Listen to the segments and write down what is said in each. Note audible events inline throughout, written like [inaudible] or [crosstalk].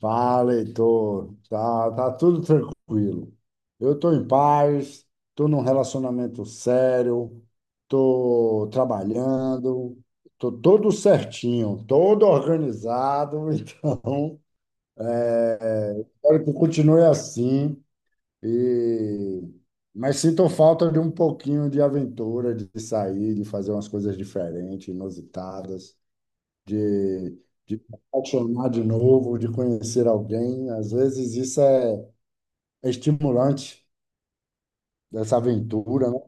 Fala, Heitor. Tá, tudo tranquilo. Eu estou em paz, estou num relacionamento sério, estou trabalhando, estou todo certinho, todo organizado, [laughs] então espero que continue assim. E... Mas sinto falta de um pouquinho de aventura, de sair, de fazer umas coisas diferentes, inusitadas, de, de me apaixonar de novo, de conhecer alguém. Às vezes isso é estimulante dessa aventura, né?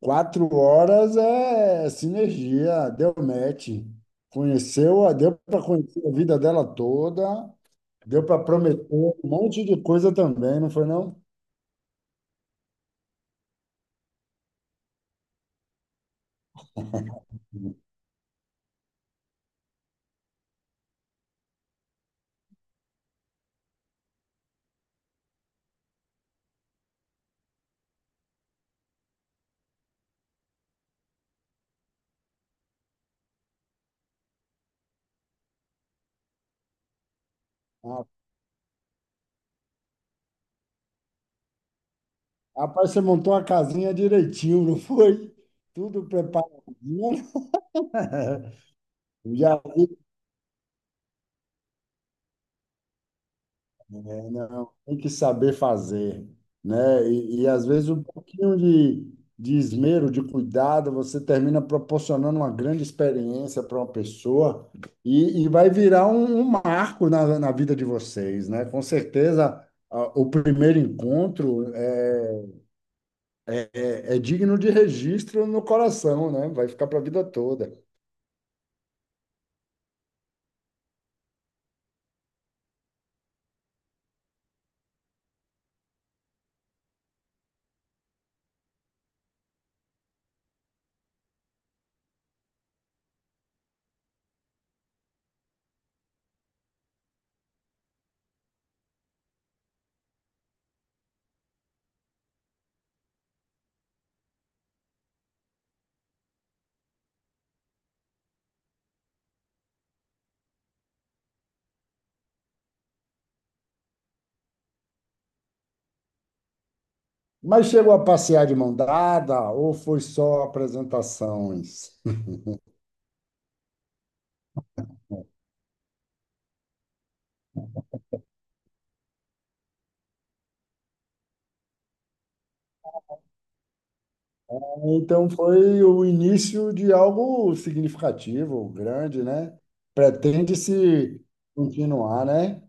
4 horas é sinergia, deu match. Conheceu, deu para conhecer a vida dela toda, deu para prometer um monte de coisa também, não foi não? Ah, Rapaz, você montou uma casinha direitinho, não foi? Tudo preparadinho. [laughs] Já É Não, tem que saber fazer, né? Às vezes um pouquinho de esmero, de cuidado, você termina proporcionando uma grande experiência para uma pessoa e vai virar um marco na vida de vocês, né? Com certeza, o primeiro encontro é digno de registro no coração, né? Vai ficar para a vida toda. Mas chegou a passear de mão dada ou foi só apresentações? Então foi o início de algo significativo, grande, né? Pretende-se continuar, né?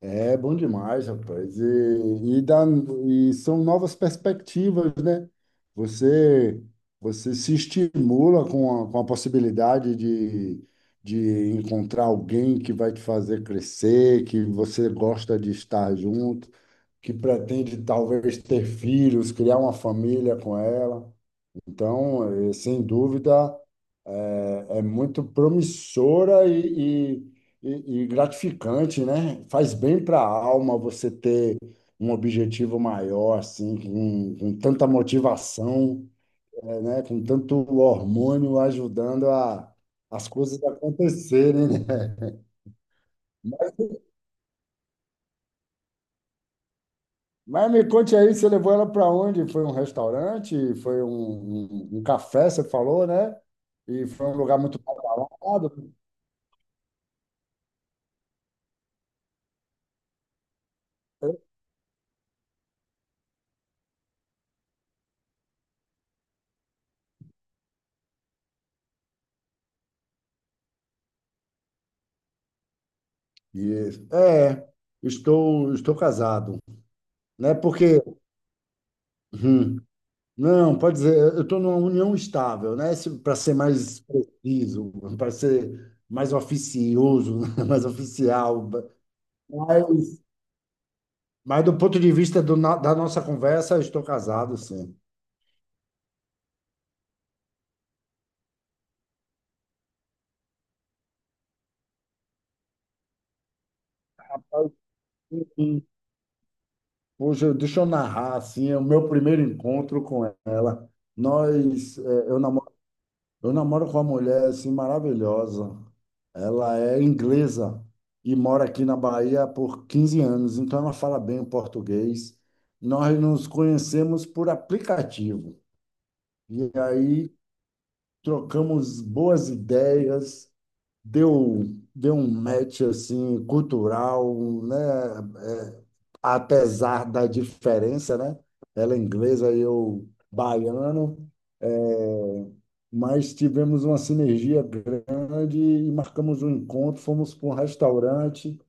É bom demais, rapaz. E são novas perspectivas, né? Você, Você se estimula com com a possibilidade de encontrar alguém que vai te fazer crescer, que você gosta de estar junto, que pretende talvez ter filhos, criar uma família com ela. Então, sem dúvida, é é muito promissora e gratificante, né? Faz bem para a alma você ter um objetivo maior, assim, com tanta motivação, né? Com tanto hormônio ajudando as coisas acontecerem, né? Mas me conte aí, você levou ela para onde? Foi um restaurante? Foi um café, você falou, né? E foi um lugar muito badalado? Isso. É, estou casado, né? Porque, hum, não, pode dizer, eu estou numa união estável, né? Para ser mais preciso, para ser mais oficioso, [laughs] né? Mais oficial, mas, mas do ponto de vista da nossa conversa, eu estou casado, sim. Hum, Hoje, deixa eu narrar, assim, o meu primeiro encontro com ela. Nós, eh, eu namorava Eu namoro com uma mulher assim maravilhosa. Ela é inglesa e mora aqui na Bahia por 15 anos, então ela fala bem o português. Nós nos conhecemos por aplicativo e aí trocamos boas ideias, deu, deu um match assim cultural, né? É, apesar da diferença, né? Ela é inglesa e eu baiano, é, mas tivemos uma sinergia grande e marcamos um encontro, fomos para um restaurante,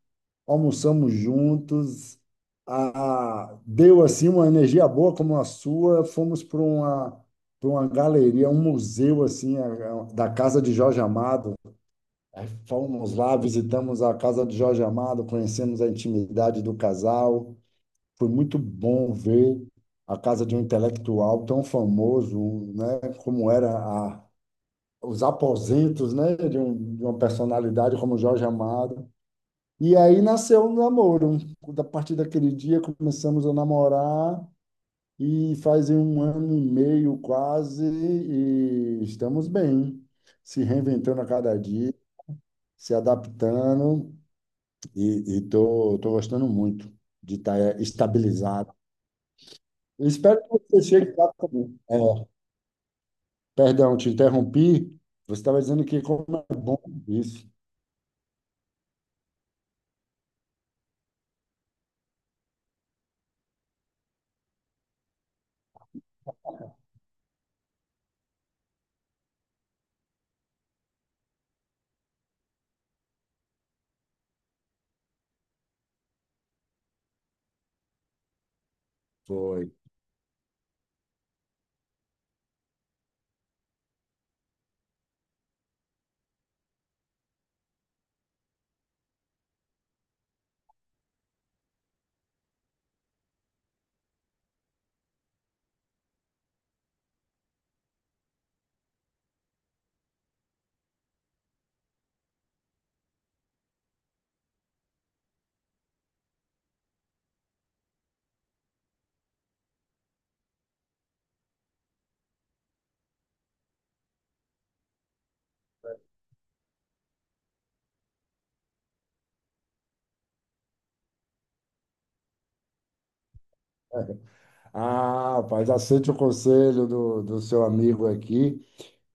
almoçamos juntos, deu assim uma energia boa como a sua, fomos para uma galeria, um museu assim da casa de Jorge Amado. Aí fomos lá, visitamos a casa de Jorge Amado, conhecemos a intimidade do casal. Foi muito bom ver a casa de um intelectual tão famoso, né, como era a, os aposentos, né, de uma personalidade como Jorge Amado. E aí nasceu o namoro. A partir daquele dia começamos a namorar e fazem um ano e meio quase e estamos bem, se reinventando a cada dia, se adaptando. E tô gostando muito de estar estabilizado. Eu espero que você chegue lá também. Perdão, te interrompi. Você estava dizendo que como é bom isso. Foi. Ah, rapaz, aceite o conselho do seu amigo aqui.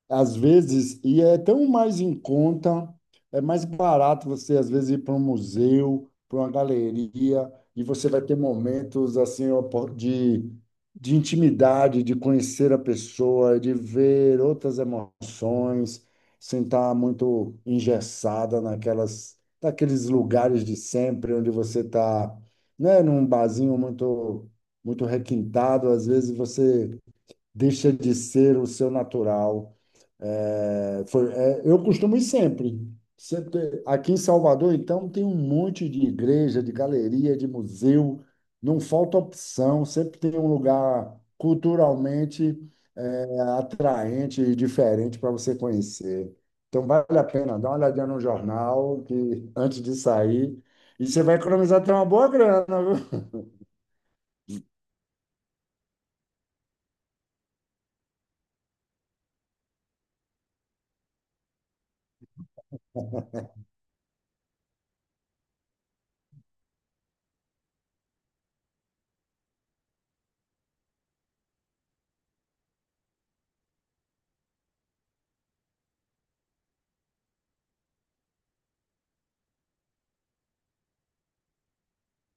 Às vezes é tão mais em conta, é mais barato você, às vezes, ir para um museu, para uma galeria, e você vai ter momentos assim ó, de intimidade, de conhecer a pessoa, de ver outras emoções, sem estar muito engessada naqueles lugares de sempre, onde você está, né, num barzinho muito, muito requintado, às vezes você deixa de ser o seu natural. Eu costumo ir sempre. Aqui em Salvador, então, tem um monte de igreja, de galeria, de museu. Não falta opção. Sempre tem um lugar culturalmente atraente e diferente para você conhecer. Então, vale a pena dar uma olhadinha no jornal que, antes de sair. E você vai economizar até uma boa grana, viu?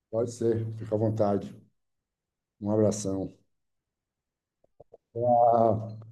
Pode ser. Fica à vontade. Um abração. Ah,